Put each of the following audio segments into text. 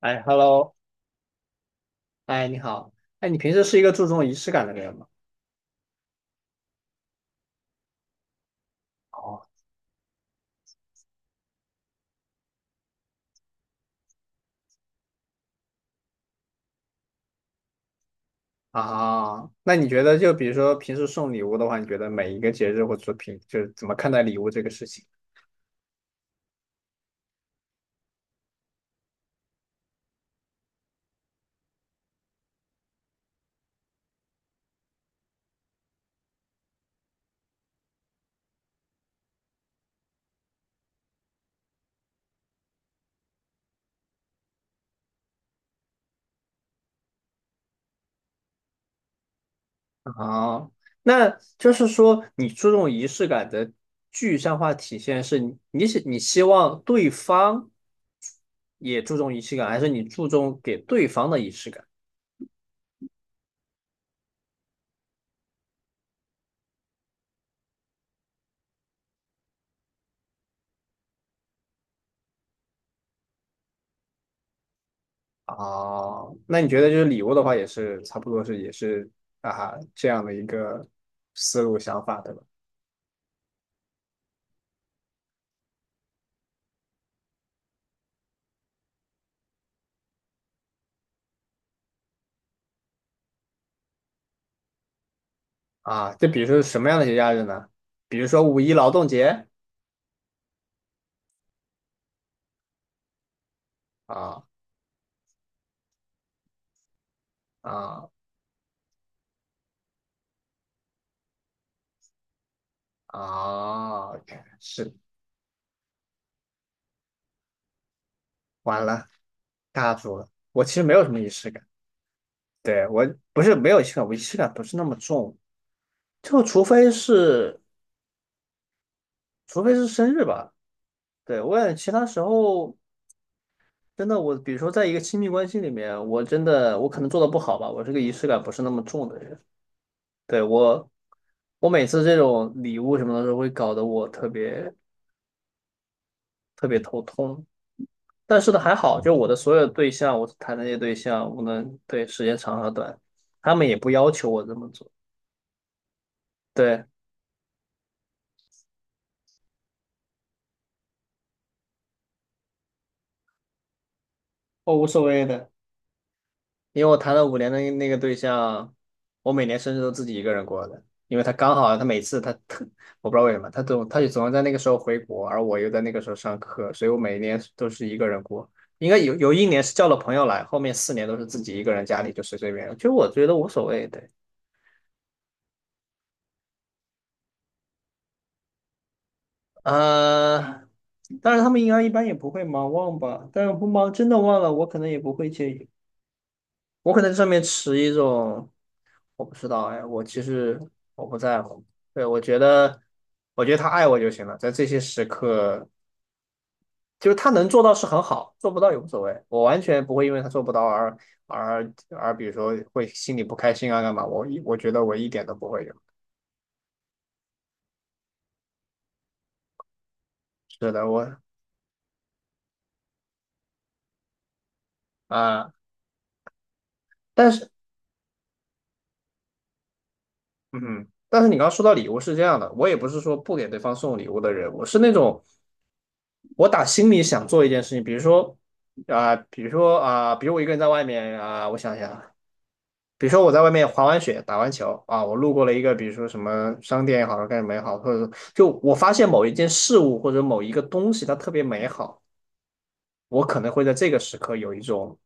哎，Hello，哎，你好，哎，你平时是一个注重仪式感的人吗？哦，啊，那你觉得就比如说平时送礼物的话，你觉得每一个节日或者说平就是怎么看待礼物这个事情？啊，那就是说你注重仪式感的具象化体现是你是你希望对方也注重仪式感，还是你注重给对方的仪式感？哦，那你觉得就是礼物的话，也是差不多是也是啊这样的一个思路想法，对吧？啊，就比如说什么样的节假日呢？比如说五一劳动节啊啊啊！OK，是完了，尬住了。我其实没有什么仪式感，对，我不是没有仪式感，我仪式感不是那么重，就除非是除非是生日吧。对，我也其他时候真的我，比如说在一个亲密关系里面，我真的我可能做的不好吧，我这个仪式感不是那么重的人。对，我每次这种礼物什么的都会搞得我特别特别头痛。但是呢，还好，就我的所有的对象，我谈的那些对象，无论对时间长和短，他们也不要求我这么做，对，我无所谓的，因为我谈了五年的那个对象，我每年生日都自己一个人过的，因为他刚好他每次他特，我不知道为什么，他就总要在那个时候回国，而我又在那个时候上课，所以我每年都是一个人过。应该有一年是叫了朋友来，后面4年都是自己一个人家里就随随便，就我觉得无所谓，对。呃，但是他们应该一般也不会忙忘吧，但是不忙真的忘了，我可能也不会介意，我可能上面持一种我不知道，哎，我其实我不在乎，对，我觉得我觉得他爱我就行了，在这些时刻，就是他能做到是很好，做不到也无所谓，我完全不会因为他做不到而而比如说会心里不开心啊干嘛，我觉得我一点都不会有，是的，我啊。但是嗯哼但是你刚刚说到礼物是这样的，我也不是说不给对方送礼物的人，我是那种我打心里想做一件事情，比如说啊、比如说啊、比如我一个人在外面啊、我想想，比如说我在外面滑完雪、打完球啊，我路过了一个比如说什么商店也好，干什么也好，或者说就我发现某一件事物或者某一个东西它特别美好，我可能会在这个时刻有一种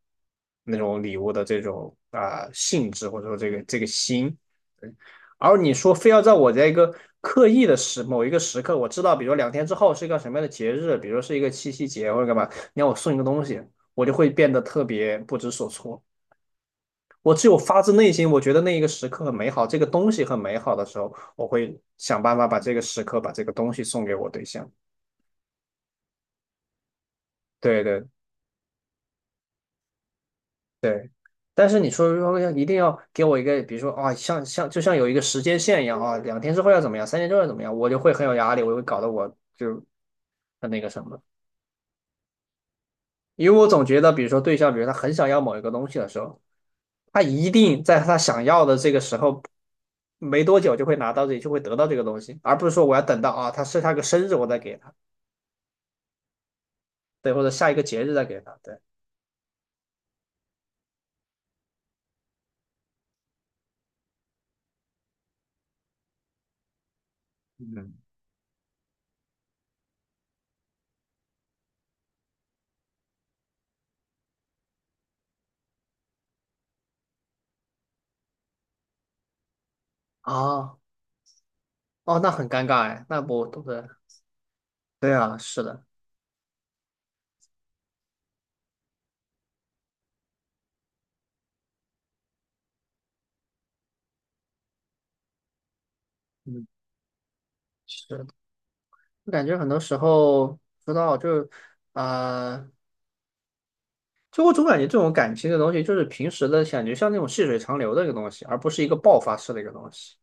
那种礼物的这种啊、性质，或者说这个心。对而你说非要在我在一个刻意的时某一个时刻，我知道，比如说两天之后是一个什么样的节日，比如是一个七夕节或者干嘛，你让我送一个东西，我就会变得特别不知所措。我只有发自内心，我觉得那一个时刻很美好，这个东西很美好的时候，我会想办法把这个时刻、把这个东西送给我对象。对对对，但是你说如果要一定要给我一个，比如说啊，像就像有一个时间线一样啊，两天之后要怎么样，三天之后要怎么样，我就会很有压力，我会搞得我就很那个什么，因为我总觉得，比如说对象，比如他很想要某一个东西的时候，他一定在他想要的这个时候没多久就会拿到这，就会得到这个东西，而不是说我要等到啊，他个生日我再给他，对，或者下一个节日再给他，对，嗯啊，哦，那很尴尬哎，那不对，对啊，是的，嗯，是。的。我感觉很多时候不知道，就呃，就我总感觉这种感情的东西，就是平时的感觉像那种细水长流的一个东西，而不是一个爆发式的一个东西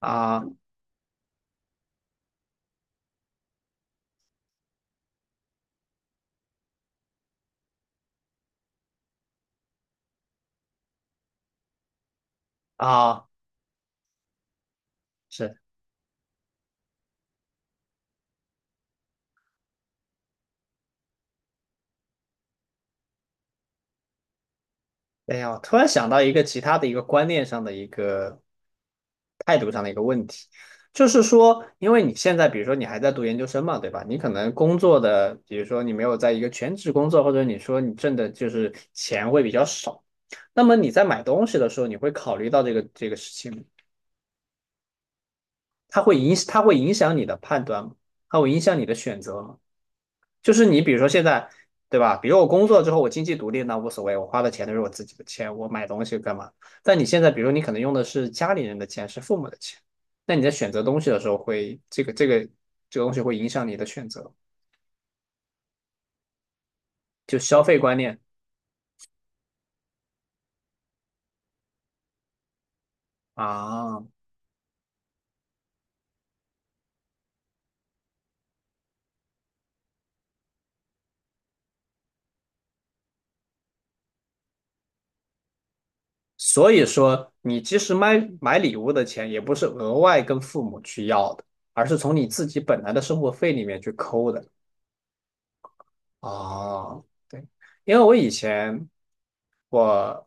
啊啊，是。哎呀，我突然想到一个其他的一个观念上的一个态度上的一个问题，就是说，因为你现在比如说你还在读研究生嘛，对吧？你可能工作的，比如说你没有在一个全职工作，或者你说你挣的就是钱会比较少，那么你在买东西的时候，你会考虑到这个这个事情吗，它会影响你的判断吗？它会影响你的选择吗？就是你比如说现在，对吧？比如我工作之后，我经济独立那无所谓，我花的钱都是我自己的钱，我买东西干嘛？但你现在，比如你可能用的是家里人的钱，是父母的钱，那你在选择东西的时候会，这个东西会影响你的选择，就消费观念啊。所以说，你即使买礼物的钱，也不是额外跟父母去要的，而是从你自己本来的生活费里面去抠的啊。对。因为我以前我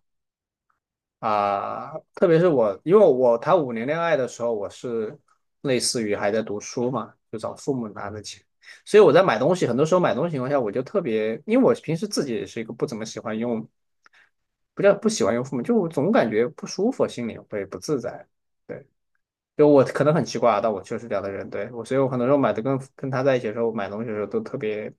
啊、特别是我，因为我谈五年恋爱的时候，我是类似于还在读书嘛，就找父母拿的钱，所以我在买东西，很多时候买东西情况下，我就特别，因为我平时自己也是一个不怎么喜欢用，不叫不喜欢用父母，就我总感觉不舒服，心里会不自在。对。就我可能很奇怪啊，但我确实这样的人，对，我，所以我很多时候买的跟他在一起的时候买东西的时候都特别，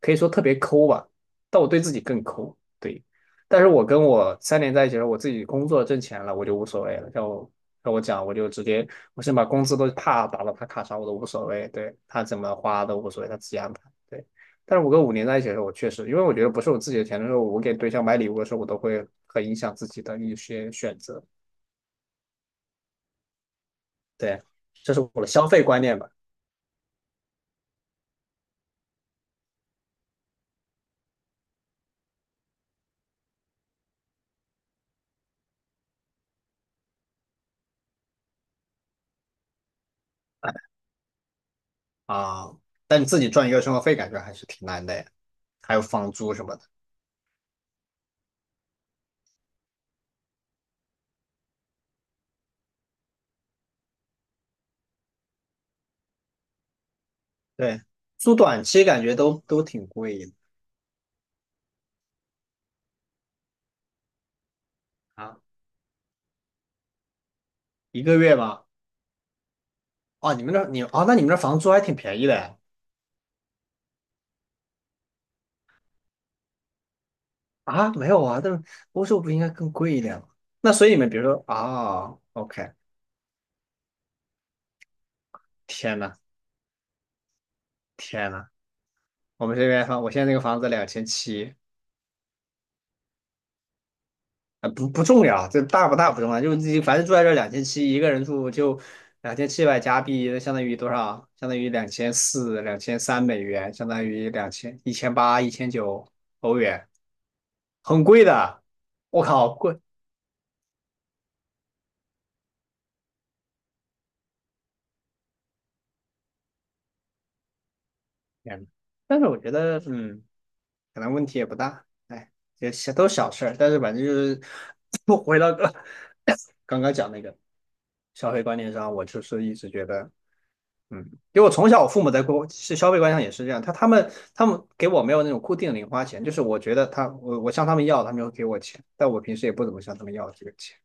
可以说特别抠吧，但我对自己更抠，对。但是我跟我3年在一起的时候，我自己工作挣钱了，我就无所谓了。像我跟我讲，我就直接，我先把工资都啪打到他卡上，我都无所谓，对，他怎么花都无所谓，他自己安排。对。但是我跟五年在一起的时候，我确实，因为我觉得不是我自己的钱的时候，我给对象买礼物的时候，我都会很影响自己的一些选择。对，这是我的消费观念吧。啊，但你自己赚一个月生活费，感觉还是挺难的呀，还有房租什么的。对，租短期感觉都都挺贵的啊，一个月吗？哦，你们那你哦，那你们那房租还挺便宜的呀啊，没有啊，但欧洲不应该更贵一点吗？那所以你们比如说啊，OK，天呐，天呐，我们这边房，我现在这个房子两千七，啊，不不重要，这大不大不重要，就是自己反正住在这两千七，一个人住就2700加币，那相当于多少？相当于2400、2300美元，相当于两千1800、1900欧元，很贵的，我靠，贵！天呐，但是我觉得，嗯，可能问题也不大，哎，也小都是小事儿，但是反正就是 不回到刚刚讲那个消费观念上，我就是一直觉得。嗯，因为我从小我父母在过是消费观上也是这样，他们给我没有那种固定的零花钱，就是我觉得他我向他们要，他们就会给我钱，但我平时也不怎么向他们要这个钱。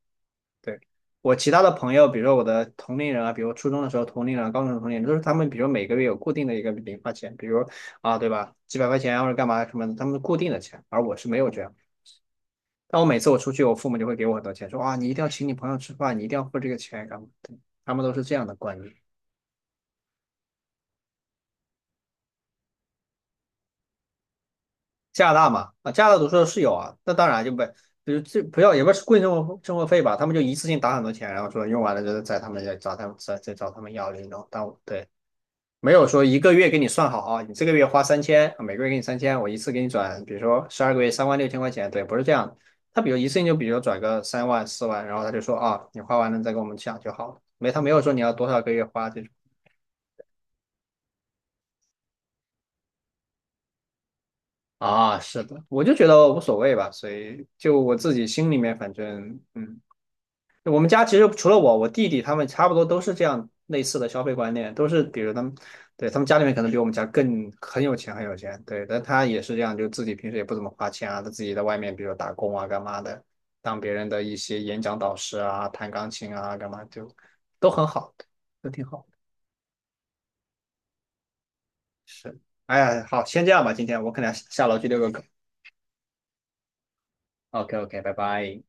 对，我其他的朋友，比如说我的同龄人啊，比如初中的时候同龄人啊，高中的同龄人，都是他们比如每个月有固定的一个零花钱，比如啊对吧，几百块钱啊或者干嘛什么的，他们固定的钱，而我是没有这样。但我每次我出去，我父母就会给我很多钱，说啊你一定要请你朋友吃饭，你一定要付这个钱干嘛的？他们都是这样的观念。加拿大嘛，啊，加拿大读书的室友啊，那当然就不，比如这不要也不是贵生活生活费吧，他们就一次性打很多钱，然后说用完了就在他们家找他们再找他们要那种，但我对，没有说一个月给你算好啊，你这个月花三千，每个月给你三千，我一次给你转，比如说12个月36000块钱，对，不是这样的他比如一次性就比如转个三万40000，然后他就说啊，你花完了再跟我们讲就好了，没他没有说你要多少个月花这种。啊，是的，我就觉得无所谓吧，所以就我自己心里面，反正嗯，我们家其实除了我，我弟弟他们差不多都是这样类似的消费观念，都是比如他们，对，他们家里面可能比我们家更很有钱，很有钱，对，但他也是这样，就自己平时也不怎么花钱啊，他自己在外面，比如打工啊，干嘛的，当别人的一些演讲导师啊，弹钢琴啊，干嘛就都很好，都挺好的，是，哎呀，好，先这样吧，今天我可能要下楼去遛个狗，OK OK，拜拜。